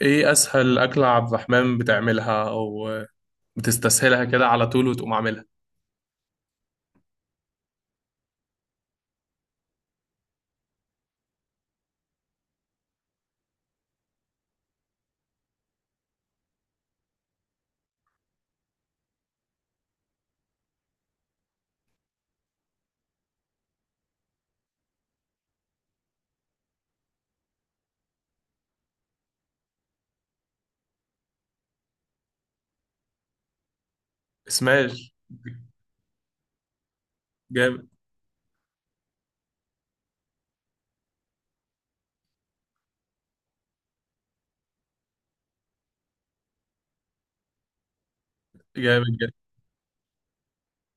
ايه اسهل اكلة عبد الرحمن بتعملها او بتستسهلها كده على طول وتقوم عاملها؟ سماش. جامد. جامد جدا.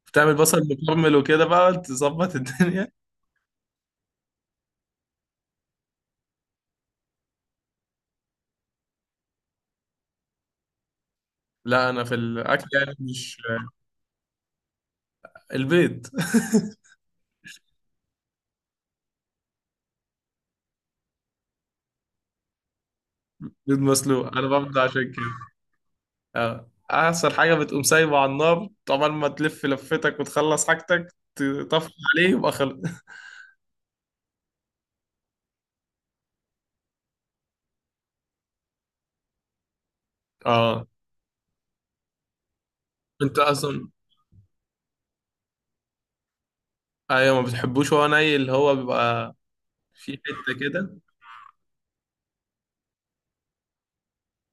بتعمل بصل مكرمل وكده بقى تظبط الدنيا؟ لا، انا في الاكل يعني مش. البيض. بيض مسلوق انا ببدأ عشان كده. اه، احسن حاجة بتقوم سايبه على النار، طبعا ما تلف لفتك وتخلص حاجتك، تطفي عليه يبقى خلص. اه، انت اصلا. ايوه، ما بتحبوش هو ني اللي هو بيبقى في حته كده.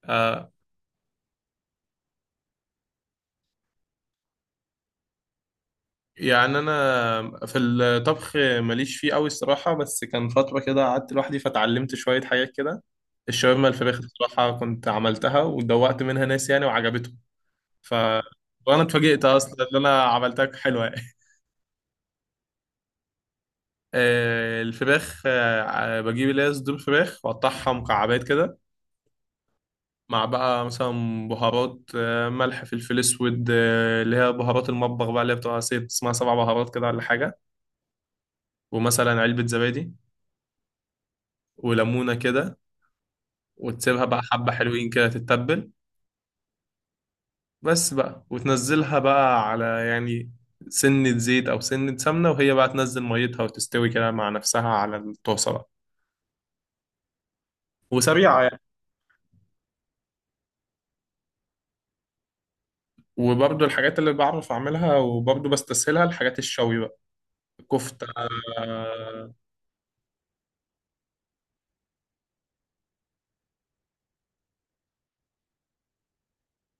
آه. يعني انا في الطبخ ماليش فيه قوي الصراحه، بس كان فتره كده قعدت لوحدي فتعلمت شويه حاجات كده. الشاورما، الفراخ الصراحه كنت عملتها ودوقت منها ناس يعني وعجبتهم. ف وانا اتفاجئت اصلا ان انا عملتها حلوه يعني. الفراخ بجيب اللي هي صدور فراخ واقطعها مكعبات كده. مع بقى مثلا بهارات، ملح، فلفل اسود، اللي هي بهارات المطبخ بقى، اللي هي بتبقى ست اسمها سبع بهارات كده ولا حاجه. ومثلا علبه زبادي وليمونه كده، وتسيبها بقى حبة حلوين كده تتبل. بس بقى وتنزلها بقى على يعني سنة زيت أو سنة سمنة، وهي بقى تنزل ميتها وتستوي كده مع نفسها على الطاسة بقى. وسريعة يعني. وبرضو الحاجات اللي بعرف أعملها وبرضو بستسهلها الحاجات الشوي بقى. كفتة. آه،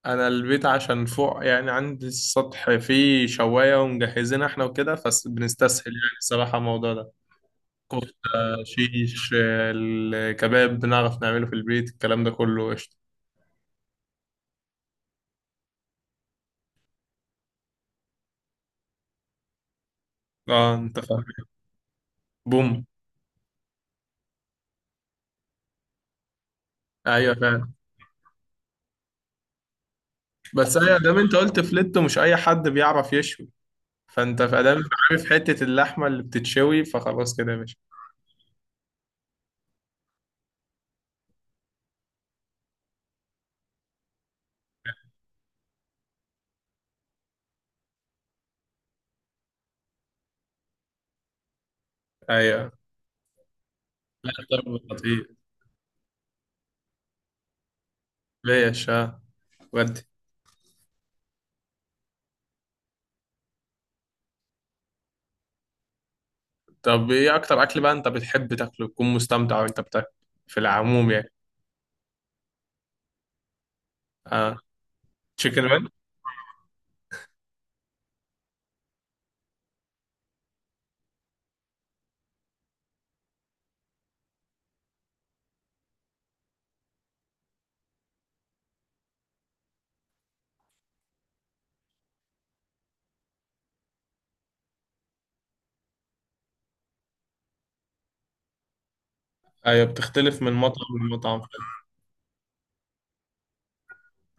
أنا البيت عشان فوق يعني عندي السطح فيه شواية ومجهزين احنا وكده، فبنستسهل يعني الصراحة الموضوع ده. كفتة، شيش، الكباب بنعرف نعمله في البيت، الكلام ده كله قشطة. اه، انت فاهم. بوم. ايوه، فعلا. بس ايوه، دام انت قلت فليت، مش اي حد بيعرف يشوي، فانت فدام عارف حته اللحمه اللي بتتشوي فخلاص كده يا باشا. ايوه. لا، طب خطير. ليش، اه. ودي. طب ايه اكتر اكل بقى انت بتحب تاكله تكون مستمتع وانت بتاكل، في العموم يعني؟ اه، تشيكن رينج. ايوه، بتختلف من مطعم لمطعم فعلا.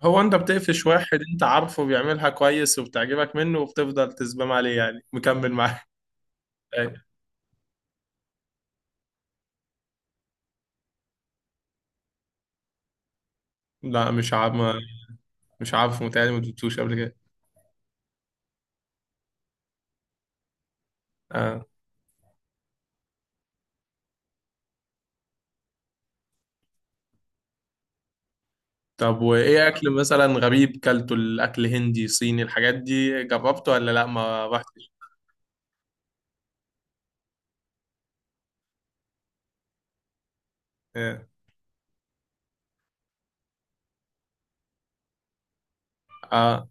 هو انت بتقفش واحد انت عارفه بيعملها كويس وبتعجبك منه، وبتفضل تزبم عليه يعني مكمل معاه. أيوة. لا، مش عارف. مش عارف، متهيألي ما دوتوش قبل كده. اه. طب وايه اكل مثلا غريب كلته؟ الاكل هندي، صيني، الحاجات دي جربته ولا لا ما رحتش؟ اه. آه.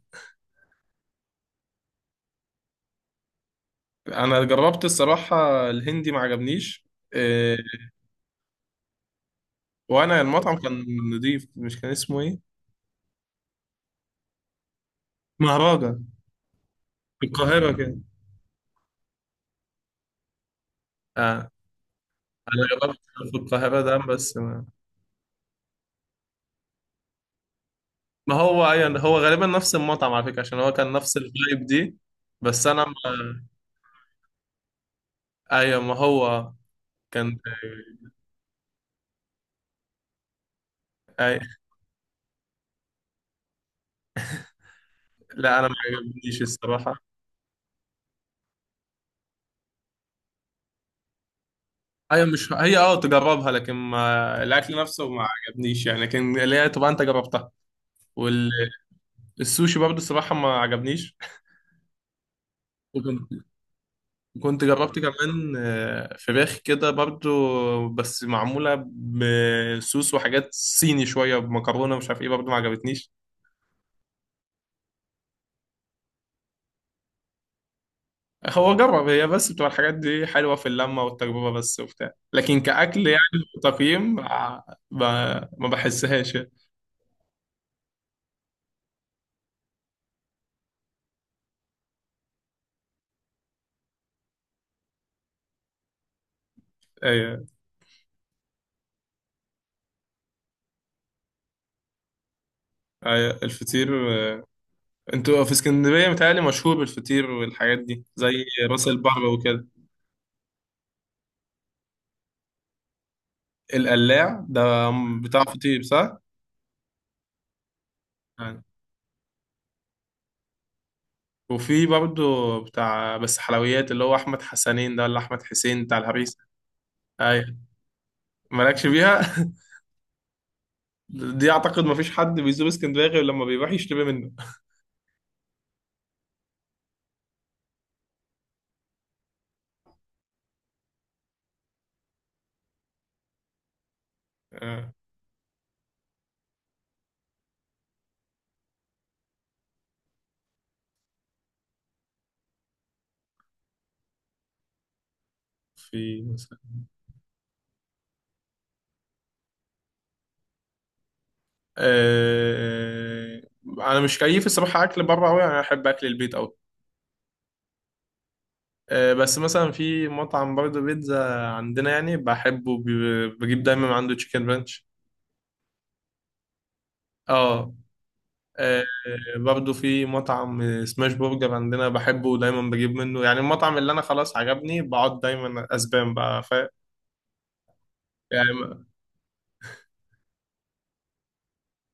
انا جربت الصراحة الهندي ما عجبنيش. آه. وانا المطعم كان نضيف، مش كان اسمه ايه؟ مهرجان. في القاهرة كده. اه. انا جربت. في القاهرة ده بس ما. ما هو ايوه، هو غالبا نفس المطعم على فكرة عشان هو كان نفس الفايب دي. بس انا ما... ايوه، ما هو كان آه، لا، انا ما عجبنيش الصراحه. هي مش هي، اه تجربها، لكن ما... الاكل نفسه ما عجبنيش يعني، لكن اللي هي طبعا انت جربتها. والسوشي برضه الصراحه ما عجبنيش. وكنت كنت جربت كمان فراخ كده برضه، بس معموله بصوص وحاجات صيني شويه، بمكرونه مش عارف ايه، برضه ما عجبتنيش. هو جرب، هي بس بتبقى الحاجات دي حلوه في اللمه والتجربه بس وبتاع، لكن كاكل يعني تقييم ما بحسهاش يعني. ايوه. أيوة، الفطير. انتوا في اسكندرية متهيألي مشهور بالفطير والحاجات دي، زي راس البر وكده. القلاع ده بتاع فطير صح؟ يعني. وفي برضه بتاع بس حلويات، اللي هو أحمد حسنين ده ولا أحمد حسين، بتاع الهريسة. أيوة. مالكش بيها. دي أعتقد مفيش حد بيزور اسكندرية غير لما بيروح يشتري منه. آه، في مثلا. أنا مش كيف الصراحة أكل بره أوي، أنا أحب أكل البيت أوي. بس مثلا في مطعم برضه بيتزا عندنا يعني بحبه، بجيب دايما من عنده تشيكن رانش. اه. آه. برضه في مطعم سماش برجر عندنا بحبه، دايما بجيب منه، يعني المطعم اللي انا خلاص عجبني بقعد دايما اسبان بقى، فاهم يعني؟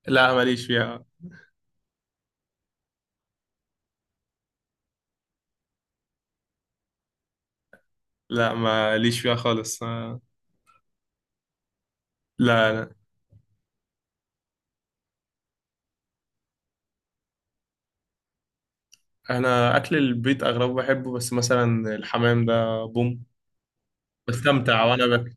لا، ماليش فيها. لا، ماليش فيها خالص. آه. لا، لا. انا اكل البيت اغلبه بحبه، بس مثلا الحمام ده بوم، بستمتع وانا باكل.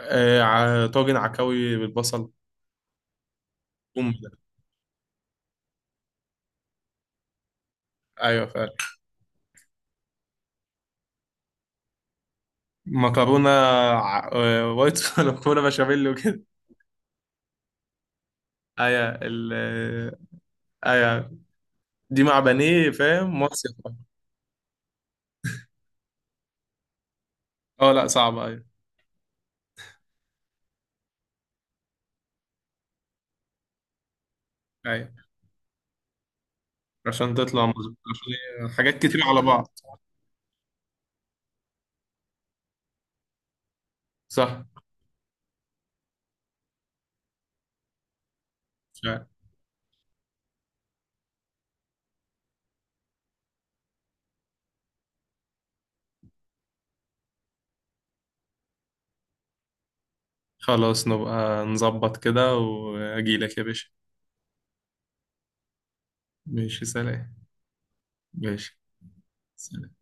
طاجن عكاوي بالبصل بوم ده. ايوه. مكرونه. وايت صوص، ولا مكرونه بشاميل وكده. ايوه، ال. ايوه. دي مع بانيه فاهم، مصيف. اه، لا صعبه، ايوه. ايوه، عشان تطلع مظبوط، عشان هي حاجات كتير على بعض. صح. مش عارف. خلاص، نبقى نظبط كده واجيلك يا باشا. ماشي، سلام. ماشي، سلام.